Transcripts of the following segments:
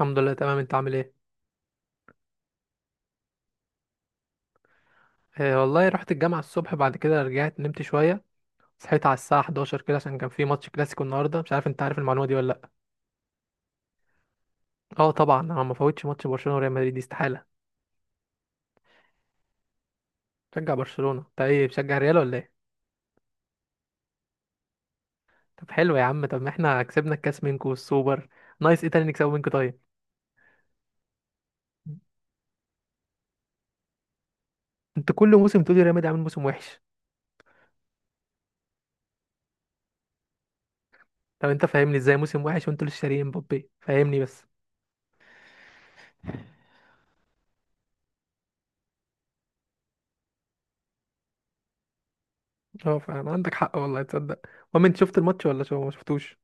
الحمد لله، تمام. انت عامل ايه؟ آه والله، رحت الجامعة الصبح، بعد كده رجعت نمت شوية. صحيت على الساعة 11 كده، عشان كان في ماتش كلاسيكو النهاردة. مش عارف انت عارف المعلومة دي ولا لأ؟ اه طبعا، انا ما فوتش ماتش برشلونة وريال مدريد، دي استحالة. بشجع برشلونة. انت ايه، بتشجع ريال ولا ايه؟ طب حلو يا عم. طب ما احنا كسبنا الكاس منكو والسوبر. نايس. ايه تاني نكسبه منكو طيب؟ انت كل موسم تقولي ريال مدريد عامل موسم وحش. طب انت فاهمني ازاي موسم وحش وانتوا لسه شاريين مبابي؟ فاهمني بس. اه فاهم، عندك حق والله، تصدق. المهم، انت شفت الماتش ولا شو، ما شفتوش؟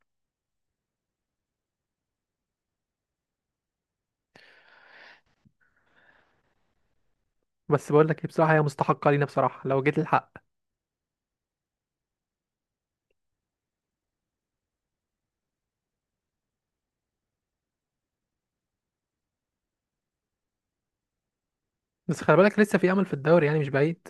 بس بقول لك إيه، بصراحه هي مستحقه لينا بصراحه لو جيت الحق. بس خلي بالك، لسه في امل في الدوري، يعني مش بعيد.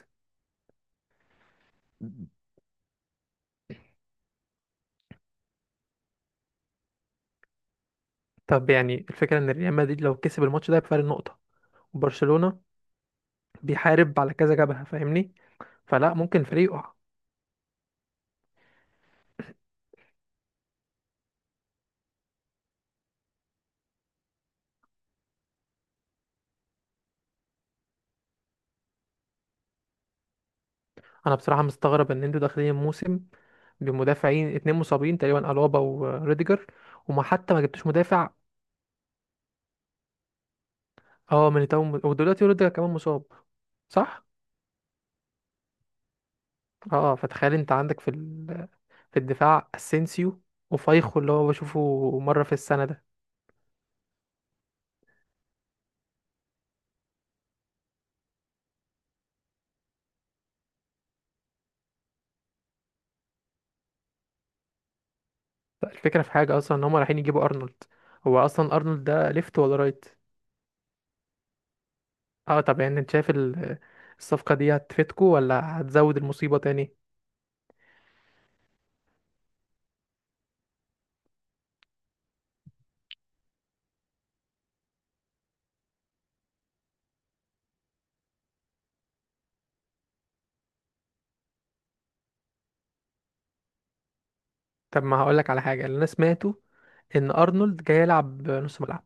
طب يعني الفكره، ان ريال مدريد لو كسب الماتش ده بفارق نقطه، وبرشلونه بيحارب على كذا جبهه، فاهمني؟ فلا ممكن الفريق يقع. انا بصراحه مستغرب ان انتوا داخلين الموسم بمدافعين 2 مصابين تقريبا، الابا وريديجر، وما حتى ما جبتوش مدافع. اه ميليتاو، ودلوقتي روديجر كمان مصاب، صح. اه فتخيل، انت عندك في الدفاع اسينسيو، وفايخو اللي هو بشوفه مره في السنه ده. الفكرة في حاجة أصلا، إن هما رايحين يجيبوا أرنولد. هو أصلا أرنولد ده ليفت ولا رايت؟ اه طب، يعني أنت شايف الصفقة دي هتفيدكوا ولا هتزود المصيبة تاني؟ طب ما هقولك على حاجة اللي أنا سمعته، إن أرنولد جاي يلعب نص ملعب.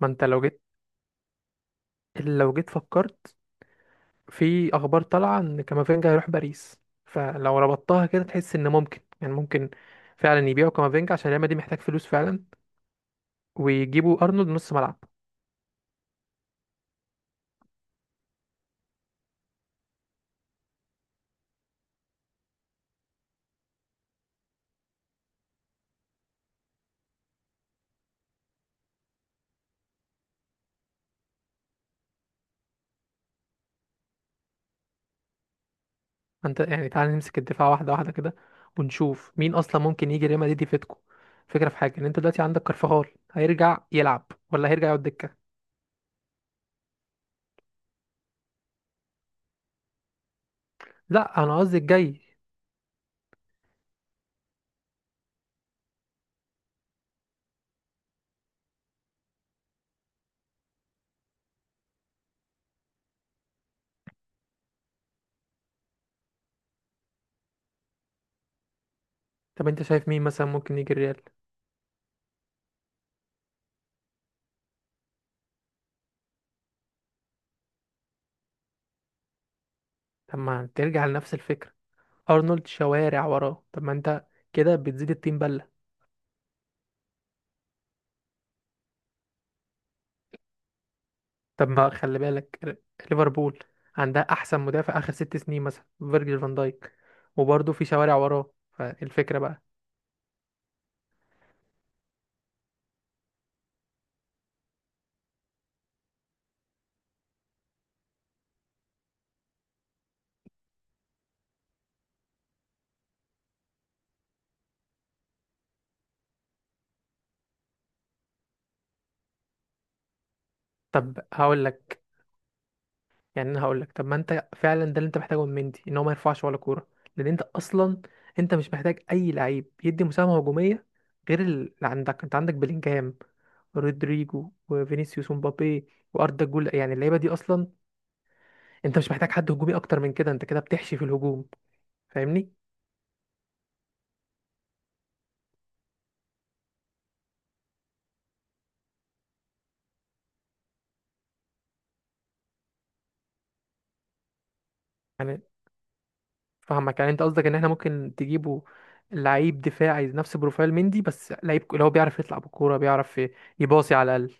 ما أنت لو جيت فكرت في أخبار طالعة إن كامافينجا هيروح باريس، فلو ربطتها كده تحس إن ممكن، يعني ممكن فعلا يبيعوا كامافينجا عشان ريال مدريد محتاج فلوس فعلا، ويجيبوا أرنولد نص ملعب. انت يعني تعال نمسك الدفاع واحده واحده كده، ونشوف مين اصلا ممكن يجي ريال مدريد يفيدكم. فكره في حاجه، ان انت دلوقتي عندك كارفاخال، هيرجع يلعب ولا هيرجع يقعد دكه؟ لا، انا قصدي الجاي. طب انت شايف مين مثلا ممكن يجي الريال؟ طب ما ترجع لنفس الفكره، ارنولد شوارع وراه، طب ما انت كده بتزيد التيم بله. طب ما خلي بالك، ليفربول عندها احسن مدافع اخر 6 سنين مثلا، فيرجيل فان دايك، وبرضه في شوارع وراه. فالفكره بقى. طب هقول لك، يعني انا هقول لك، طب ما انت فعلا ده اللي انت محتاجه من مندي، ان هو ما يرفعش ولا كوره. لان انت اصلا، انت مش محتاج اي لعيب يدي مساهمه هجوميه غير اللي عندك. انت عندك بلينجهام، رودريجو، وفينيسيوس، ومبابي، واردا جول، يعني اللعيبه دي اصلا، انت مش محتاج حد هجومي اكتر من كده، انت كده بتحشي في الهجوم، فاهمني؟ يعني، فاهمك، يعني انت قصدك ان احنا ممكن تجيبه لعيب دفاعي نفس بروفايل مندي، بس لعيب اللي هو بيعرف يطلع بالكوره، بيعرف يباصي على الاقل.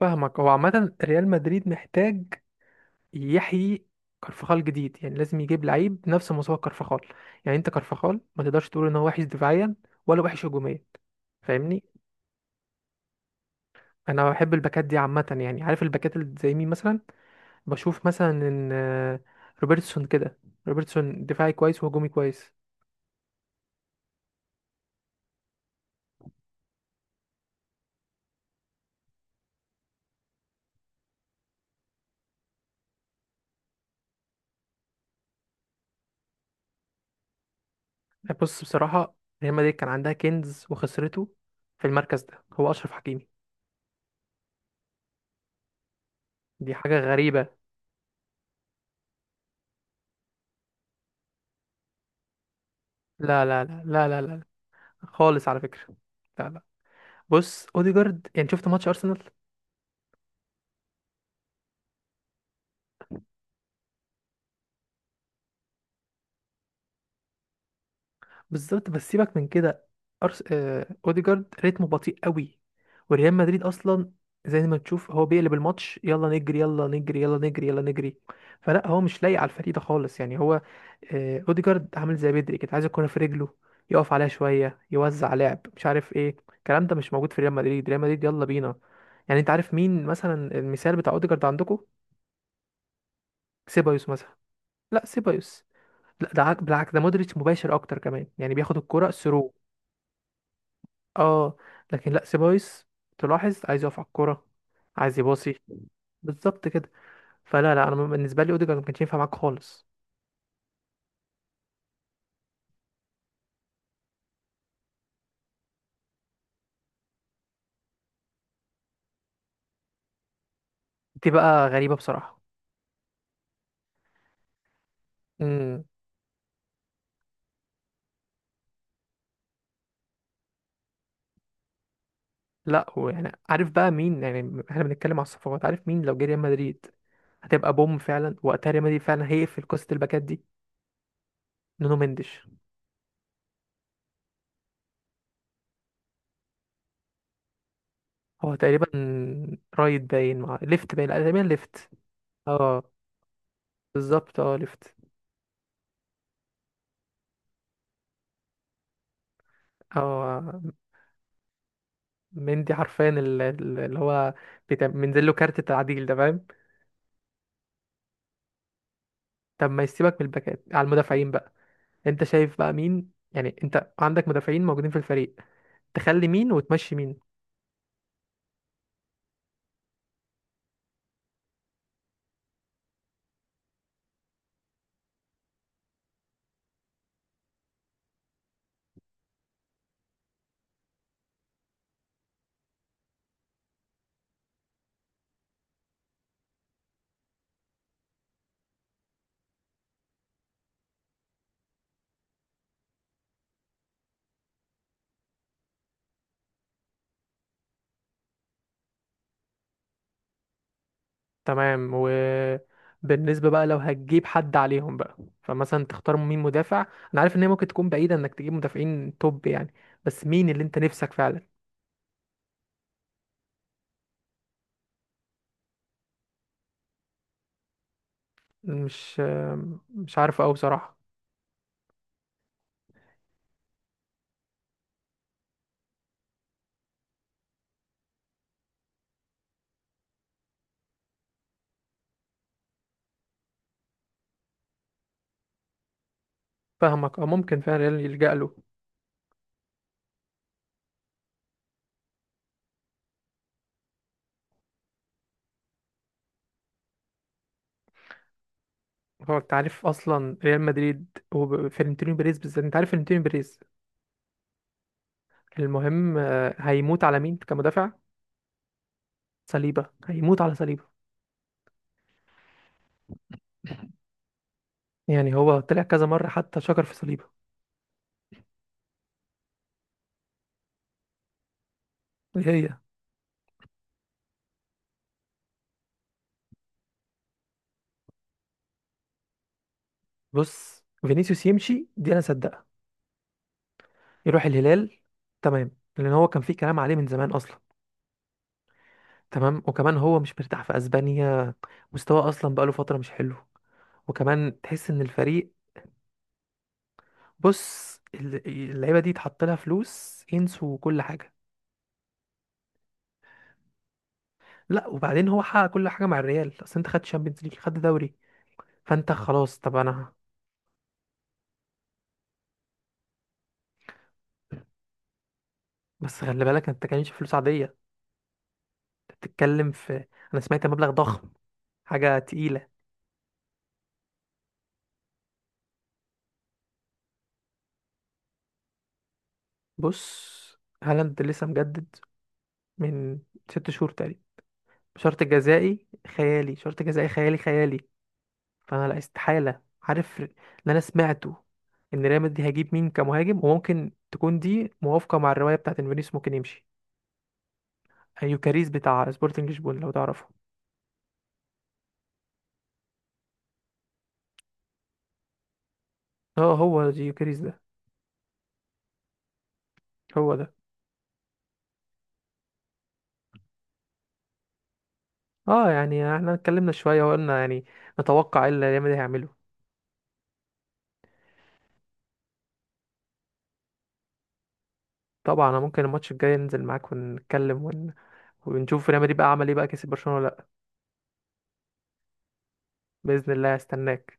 فاهمك، هو عامه ريال مدريد محتاج يحيي كرفخال جديد، يعني لازم يجيب لعيب نفس مستوى كرفخال. يعني انت كرفخال ما تقدرش تقول ان هو وحش دفاعيا ولا وحش هجوميا، فاهمني؟ انا بحب الباكات دي عامه، يعني عارف الباكات اللي زي مين مثلا؟ بشوف مثلا ان روبرتسون كده، روبرتسون دفاعي كويس وهجومي كويس. يعني بص بصراحه، ريال مدريد كان عندها كنز وخسرته في المركز ده، هو اشرف حكيمي. دي حاجه غريبه. لا، لا، لا، لا، لا، لا خالص، على فكره. لا، لا، بص اوديجارد، يعني شفت ماتش ارسنال؟ بالظبط، بس سيبك من كده. اوديجارد رتمه بطيء قوي. وريال مدريد اصلا، زي ما تشوف، هو بيقلب الماتش، يلا نجري، يلا نجري، يلا نجري، يلا نجري. فلا هو مش لايق على الفريق ده خالص، يعني هو، اوديجارد عامل زي بدري كده، عايز الكوره في رجله، يقف عليها شويه، يوزع لعب، مش عارف ايه، الكلام ده مش موجود في ريال مدريد. ريال مدريد يلا بينا. يعني انت عارف مين مثلا المثال بتاع اوديجارد عندكم؟ سيبايوس مثلا. لا سيبايوس، لا ده بالعكس، ده مودريتش مباشر اكتر كمان، يعني بياخد الكرة ثرو. اه، لكن لا، سيبايوس تلاحظ عايز يقف على الكرة، عايز يباصي، بالظبط كده. فلا، لا، انا بالنسبه لي اوديجارد ما كانش ينفع معاك خالص. دي بقى غريبه بصراحه. امم. لا، ويعني عارف بقى مين؟ يعني احنا بنتكلم على الصفقات، عارف مين لو جه ريال مدريد هتبقى بوم فعلا؟ وقتها ريال مدريد فعلا هيقفل قصه الباكات دي. نونو مندش. هو تقريبا رايت باين مع ليفت باين، لا، تقريبا ليفت. اه، بالظبط، اه ليفت. اه، مندي حرفيا اللي هو منزل له كارت التعديل ده، فاهم؟ طب ما يسيبك من الباكات، على المدافعين بقى. انت شايف بقى مين، يعني انت عندك مدافعين موجودين في الفريق، تخلي مين وتمشي مين؟ تمام، وبالنسبة بقى لو هتجيب حد عليهم بقى، فمثلا تختار مين مدافع؟ انا عارف ان هي ممكن تكون بعيدة انك تجيب مدافعين توب يعني، بس مين اللي انت نفسك فعلا؟ مش مش عارف قوي بصراحة. فاهمك، اه ممكن فعلا يلجأ له. هو انت عارف اصلا ريال مدريد وفلورنتينو بيريز بالذات؟ انت عارف فلورنتينو بيريز؟ المهم، هيموت على مين كمدافع؟ صليبه، هيموت على صليبه. يعني هو طلع كذا مره حتى شكر في صليبه. ايه هي؟ بص، فينيسيوس يمشي دي انا صدقها، يروح الهلال، تمام. لان هو كان في كلام عليه من زمان اصلا. تمام، وكمان هو مش مرتاح في اسبانيا، مستواه اصلا بقاله فتره مش حلو، وكمان تحس ان الفريق، بص اللعيبه دي اتحط لها فلوس، ينسوا كل حاجه. لا، وبعدين هو حقق كل حاجه مع الريال، اصل انت خدت شامبيونز ليج، خدت دوري، فانت خلاص. طب انا، بس خلي بالك، انت كانش فلوس عاديه، انت بتتكلم في، انا سمعت مبلغ ضخم، حاجه تقيله. بص، هالاند لسه مجدد من 6 شهور تقريبا، شرط جزائي خيالي، شرط جزائي خيالي خيالي. فانا لا، استحاله. عارف اللي انا سمعته، ان ريال مدريد هيجيب مين كمهاجم؟ وممكن تكون دي موافقه مع الروايه بتاعت انفينيس ممكن يمشي. يوكاريز بتاع سبورتنج لشبونه، لو تعرفه؟ اه، هو يوكاريز ده، هو ده. اه، يعني احنا اتكلمنا شوية وقلنا يعني نتوقع ايه اللي ريال مدريد هيعمله. طبعا، انا ممكن الماتش الجاي ننزل معاك ونتكلم ونشوف ريال مدريد بقى عمل ايه، بقى كسب برشلونة ولا لا. بإذن الله، هستناك.